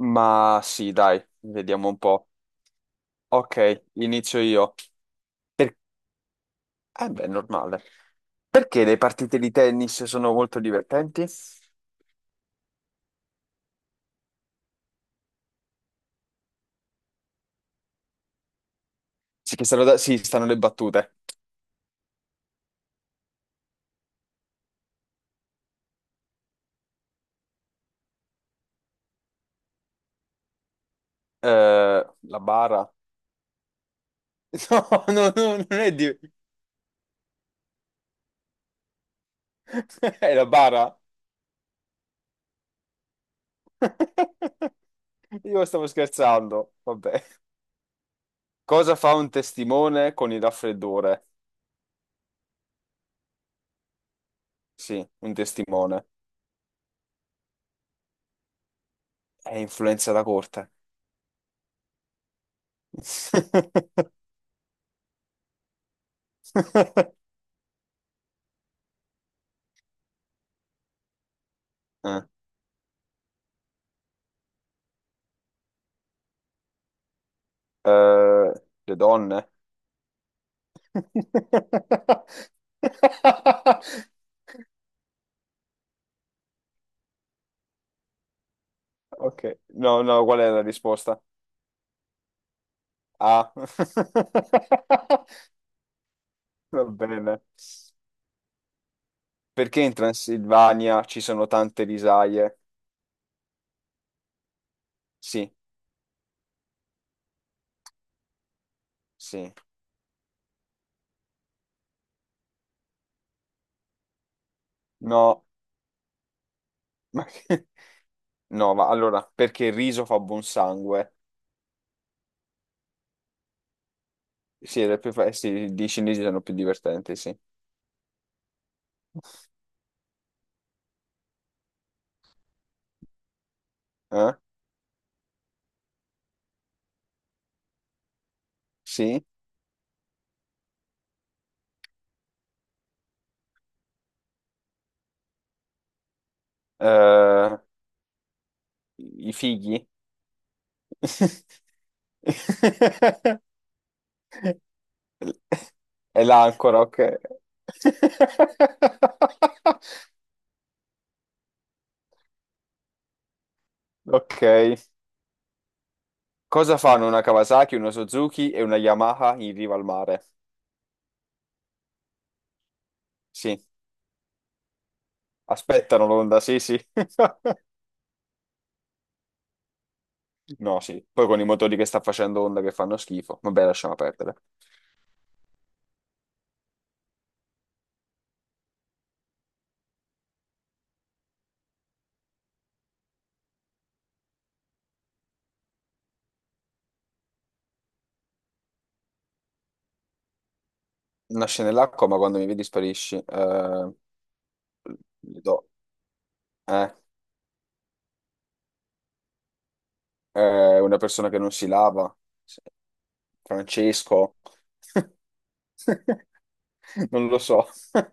Ma sì, dai, vediamo un po'. Ok, inizio io. Per... beh, è normale. Perché le partite di tennis sono molto divertenti? Sì, che stanno, da- sì, stanno le battute. La bara? No, no, no, non è di... È la bara? Io stavo scherzando. Vabbè. Cosa fa un testimone con il raffreddore? Sì, un testimone. È influenza da corte. Eh, le donne? Ok, no, no, qual è la risposta? A. Va bene. Perché in Transilvania ci sono tante risaie? Sì, sì. No, ma che- no, ma allora, perché il riso fa buon sangue? Sì, sì, i cinesi sono più divertenti, sì. Eh? Sì? Eh, i fighi? È l'ancora, ok. Ok. Cosa fanno una Kawasaki, una Suzuki e una Yamaha in riva al mare? Sì. Aspettano l'onda, sì, sì. No, sì. Poi con i motori che sta facendo onda che fanno schifo. Vabbè, lasciamo perdere. Nasce nell'acqua, ma quando mi vedi sparisci. Gli do. Eh, una persona che non si lava. Sì. Francesco. Non lo so.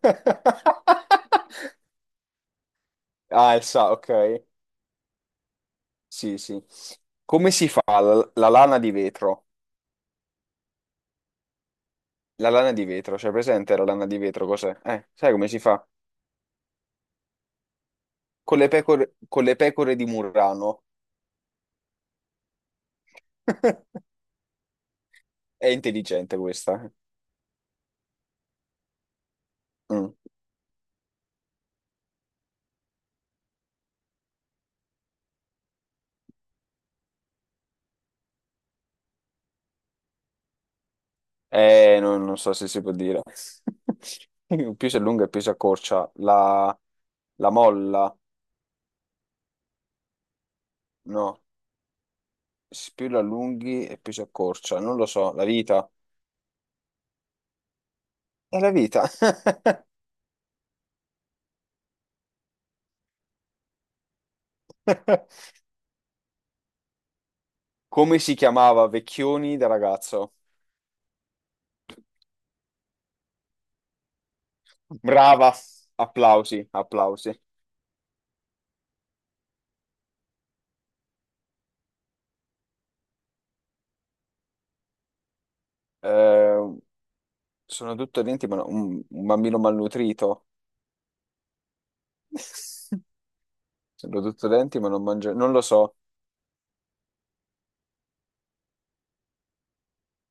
Ok. Sì, sì. Come si fa la lana di vetro? La lana di vetro, c'è presente la lana di vetro? Cos'è? Sai come si fa? Con le pecore di Murrano. È intelligente questa. Mm. Non so se si può dire. Più si allunga e più si accorcia. La molla, no. Più la allunghi e più si accorcia. Non lo so, la vita. È la vita. Come si chiamava Vecchioni da ragazzo? Brava. Applausi, applausi. Eh, sono tutto denti, un bambino malnutrito. Sono tutto denti, ma non mangio. Non lo so.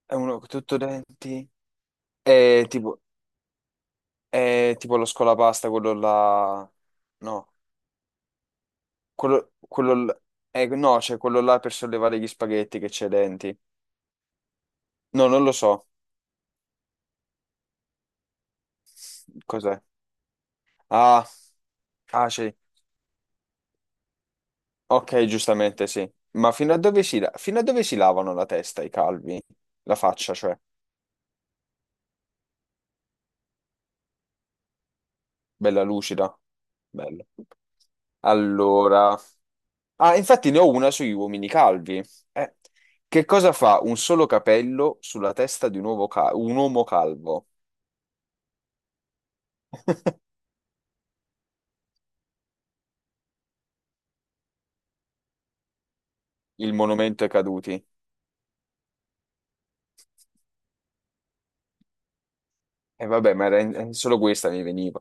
È uno tutto denti. È tipo, è tipo lo scolapasta, quello là. No, quello, quello l- no, c'è quello là per sollevare gli spaghetti che c'è i denti. No, non lo so. Cos'è? Ah, ah sì. Ok, giustamente sì. Ma fino a dove si lavano la testa i calvi? La faccia, cioè. Bella lucida. Bello. Allora... Ah, infatti ne ho una sugli uomini calvi. Eh, che cosa fa un solo capello sulla testa di un uomo calvo? Il monumento ai caduti. E vabbè, ma solo questa mi veniva.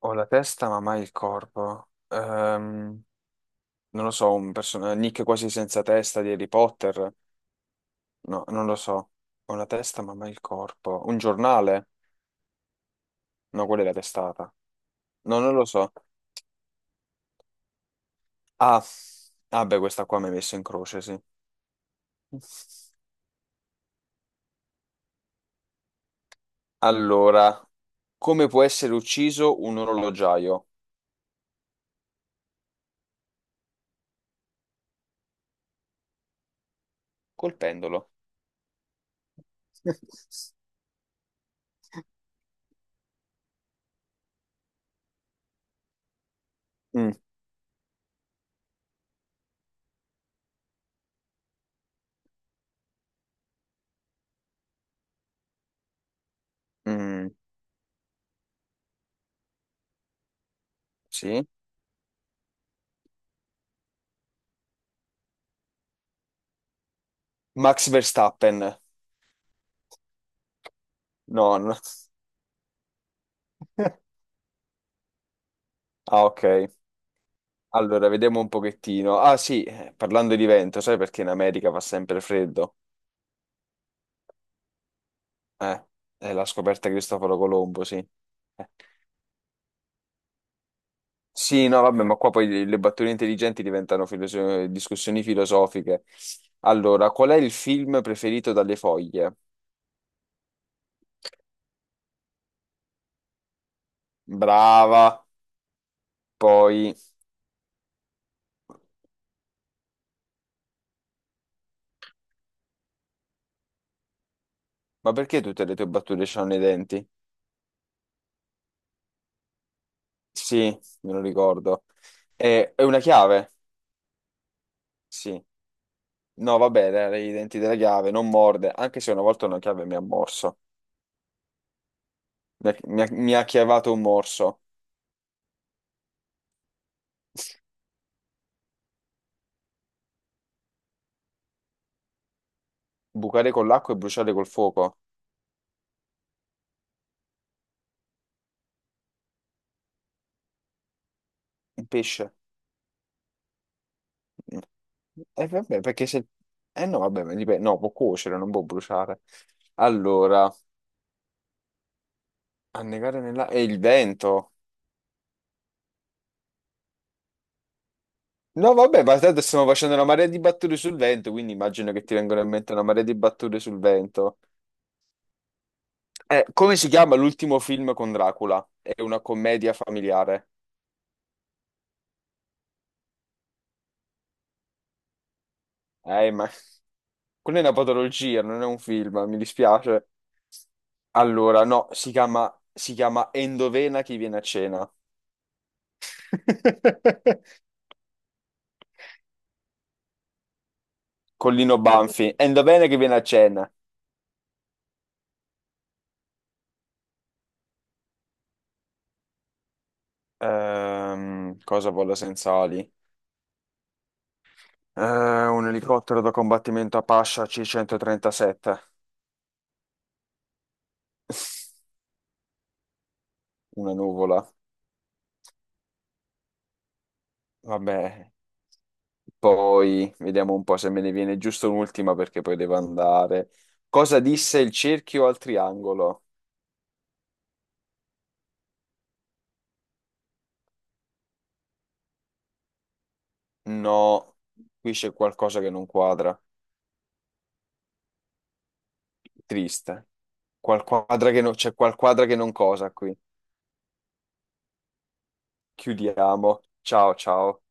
Ho la testa, ma mai il corpo. Non lo so, un personaggio, Nick quasi senza testa di Harry Potter, no, non lo so, ho la testa ma mai il corpo, un giornale, no, quella è la testata, no, non lo so, ah, ah beh, questa qua mi hai messo in croce, sì. Allora, come può essere ucciso un orologiaio? Col pendolo. Mm, mm, sì. Max Verstappen. No, no. Ah, ok. Allora, vediamo un pochettino. Ah, sì, parlando di vento, sai perché in America fa sempre freddo? Eh, è la scoperta di Cristoforo Colombo, sì. Eh. Sì, no, vabbè, ma qua poi le battute intelligenti diventano discussioni filosofiche. Allora, qual è il film preferito dalle foglie? Brava. Poi, ma perché tutte le tue battute hanno i denti? Sì, me lo ricordo. È, una chiave? Sì. No, vabbè, dai, i denti della chiave, non morde, anche se una volta una chiave mi ha morso. Mi ha chiavato un morso. Bucare con l'acqua e bruciare col fuoco. Un pesce. Vabbè, perché se... Eh no, vabbè, ma dipende. No, può cuocere, non può bruciare. Allora, annegare nella... E il vento. No, vabbè, ma tanto stiamo facendo una marea di battute sul vento, quindi immagino che ti vengano in mente una marea di battute sul vento. Come si chiama l'ultimo film con Dracula? È una commedia familiare. Ma quella è una patologia, non è un film, mi dispiace. Allora, no, si chiama Endovena chi viene a cena. Collino Banfi. Endovena chi viene a cena. Cosa vola senza ali? Un elicottero da combattimento Apache C-137, una nuvola. Vabbè, poi vediamo un po' se me ne viene giusto un'ultima perché poi devo andare. Cosa disse il cerchio al triangolo? No, qui c'è qualcosa che non quadra. Triste. Qual quadra che non- C'è qualquadra che non cosa qui. Chiudiamo. Ciao, ciao.